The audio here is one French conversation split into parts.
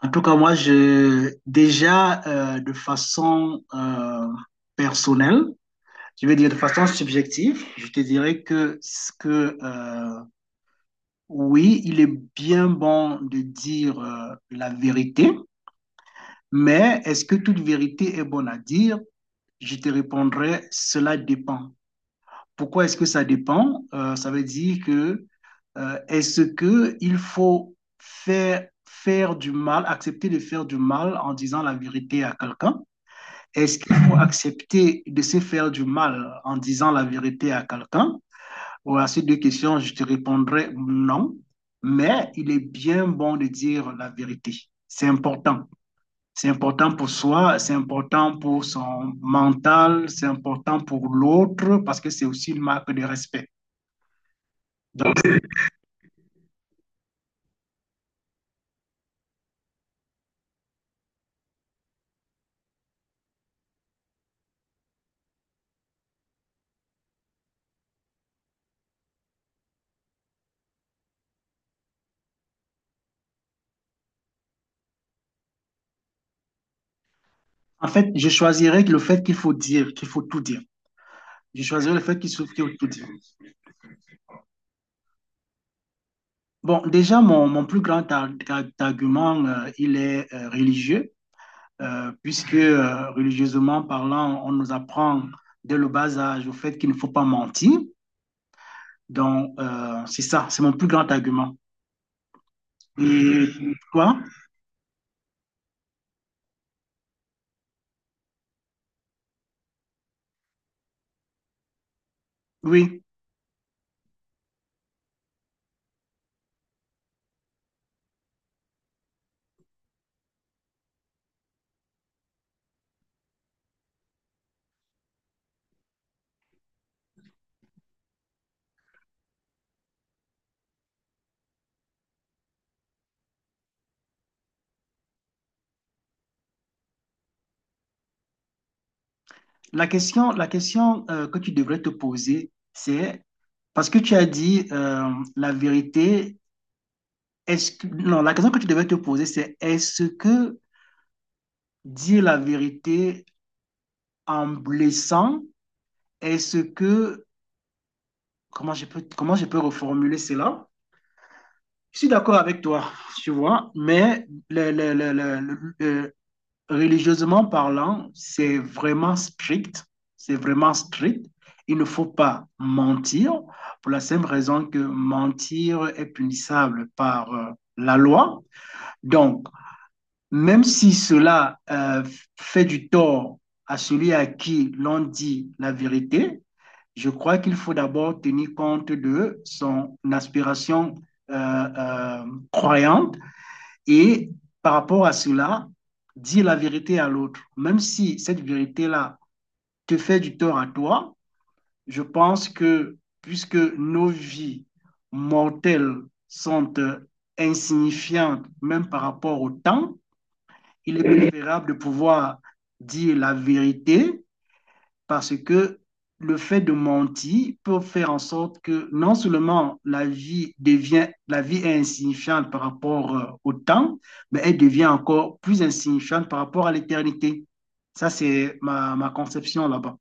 En tout cas, moi, déjà, de façon personnelle, je vais dire de façon subjective, je te dirais que oui, il est bien bon de dire la vérité, mais est-ce que toute vérité est bonne à dire? Je te répondrai, cela dépend. Pourquoi est-ce que ça dépend? Ça veut dire que est-ce que il faut faire du mal, accepter de faire du mal en disant la vérité à quelqu'un? Est-ce qu'il faut accepter de se faire du mal en disant la vérité à quelqu'un? Ou à ces deux questions, je te répondrai non, mais il est bien bon de dire la vérité. C'est important. C'est important pour soi, c'est important pour son mental, c'est important pour l'autre parce que c'est aussi une marque de respect. Donc, en fait, je choisirais le fait qu'il faut tout dire. Je choisirais le fait qu'il faut tout dire. Bon, déjà, mon plus grand argument, il est religieux. Puisque religieusement parlant, on nous apprend dès le bas âge au fait qu'il ne faut pas mentir. Donc, c'est ça, c'est mon plus grand argument. Et toi, oui, la question que tu devrais te poser, c'est parce que tu as dit la vérité, est-ce que, non, la question que tu devrais te poser, c'est est-ce que dire la vérité en blessant, est-ce que, comment je peux reformuler cela? Je suis d'accord avec toi, tu vois, mais religieusement parlant, c'est vraiment strict. C'est vraiment strict. Il ne faut pas mentir pour la simple raison que mentir est punissable par la loi. Donc, même si cela fait du tort à celui à qui l'on dit la vérité, je crois qu'il faut d'abord tenir compte de son aspiration euh, euh, croyante et par rapport à cela, dire la vérité à l'autre, même si cette vérité-là te fait du tort à toi, je pense que puisque nos vies mortelles sont insignifiantes, même par rapport au temps, il est préférable de pouvoir dire la vérité parce que le fait de mentir peut faire en sorte que non seulement la vie est insignifiante par rapport au temps, mais elle devient encore plus insignifiante par rapport à l'éternité. Ça, c'est ma conception là-bas.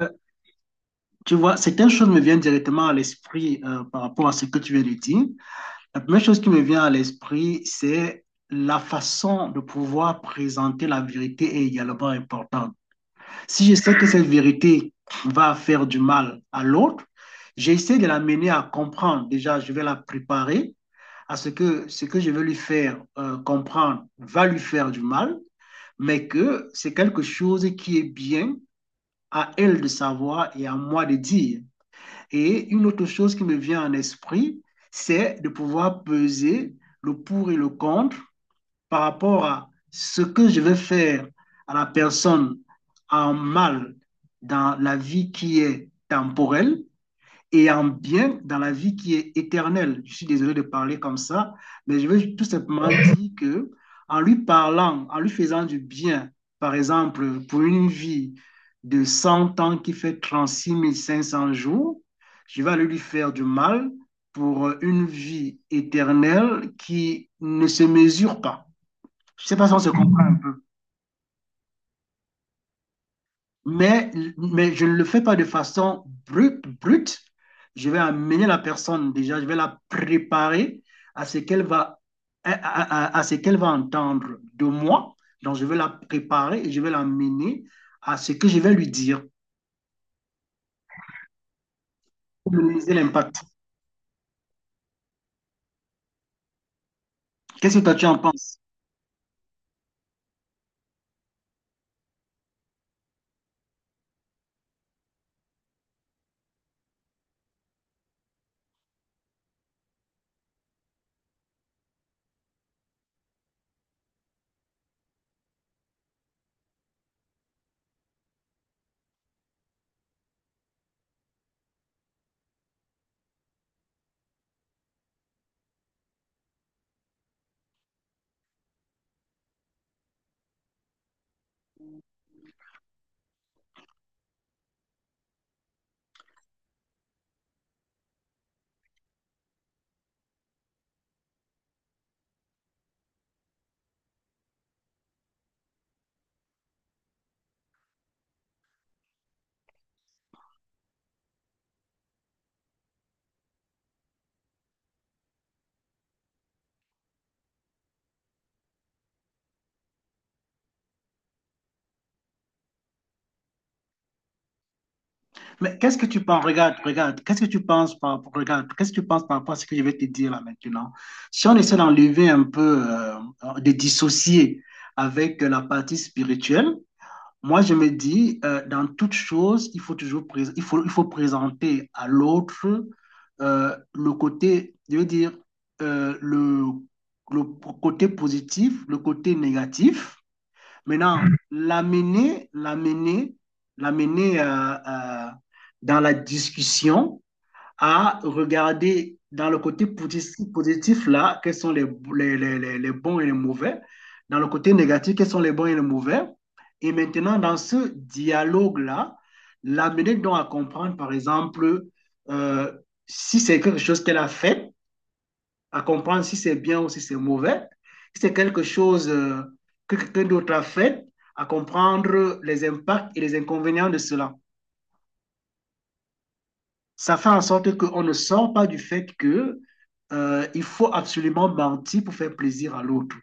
Euh, Tu vois, certaines choses me viennent directement à l'esprit par rapport à ce que tu viens de dire. La première chose qui me vient à l'esprit, c'est la façon de pouvoir présenter la vérité est également importante. Si je sais que cette vérité va faire du mal à l'autre, j'essaie de l'amener à comprendre. Déjà, je vais la préparer à ce que je vais lui faire comprendre va lui faire du mal, mais que c'est quelque chose qui est bien à elle de savoir et à moi de dire. Et une autre chose qui me vient en esprit, c'est de pouvoir peser le pour et le contre par rapport à ce que je vais faire à la personne en mal dans la vie qui est temporelle et en bien dans la vie qui est éternelle. Je suis désolé de parler comme ça, mais je veux tout simplement dire que en lui parlant, en lui faisant du bien, par exemple, pour une vie de 100 ans qui fait 36 500 jours, je vais aller lui faire du mal pour une vie éternelle qui ne se mesure pas. Je sais pas si on se comprend un peu. Mais, mais je ne le fais pas de façon brute. Je vais amener la personne déjà, je vais la préparer à ce qu'elle va, à ce qu'elle va entendre de moi. Donc, je vais la préparer et je vais l'amener à ce que je vais lui dire pour minimiser l'impact. Qu'est-ce que toi tu en penses? Mais qu'est-ce que tu penses? Regarde. Qu'est-ce que tu penses regarde, qu'est-ce que tu penses par rapport à ce que je vais te dire là maintenant? Si on essaie d'enlever un peu, de dissocier avec la partie spirituelle, moi je me dis, dans toute chose, il faut toujours il faut présenter à l'autre le côté, je veux dire, euh, le, le côté positif, le côté négatif. Maintenant, l'amener, l'amener, l'amener dans la discussion à regarder dans le côté positif, positif là, les bons et les mauvais. Dans le côté négatif, quels sont les bons et les mauvais. Et maintenant, dans ce dialogue-là, l'amener donc à comprendre, par exemple, euh, si c'est quelque chose qu'elle a fait, à comprendre si c'est bien ou si c'est mauvais, si c'est quelque chose que quelqu'un d'autre a fait, à comprendre les impacts et les inconvénients de cela. Ça fait en sorte qu'on ne sort pas du fait que il faut absolument mentir pour faire plaisir à l'autre.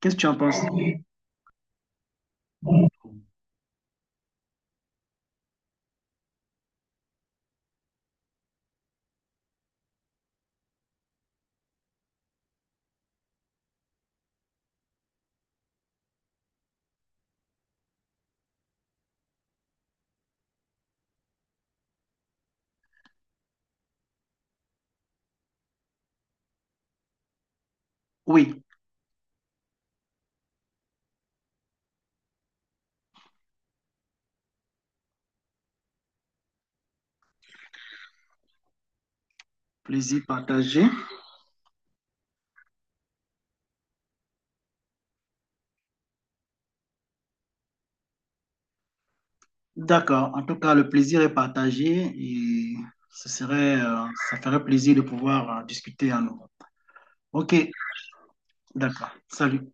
Qu'est-ce que tu en penses? Oui, plaisir partagé. D'accord. En tout cas, le plaisir est partagé et ce serait, ça ferait plaisir de pouvoir discuter à nouveau. Ok, d'accord. Salut.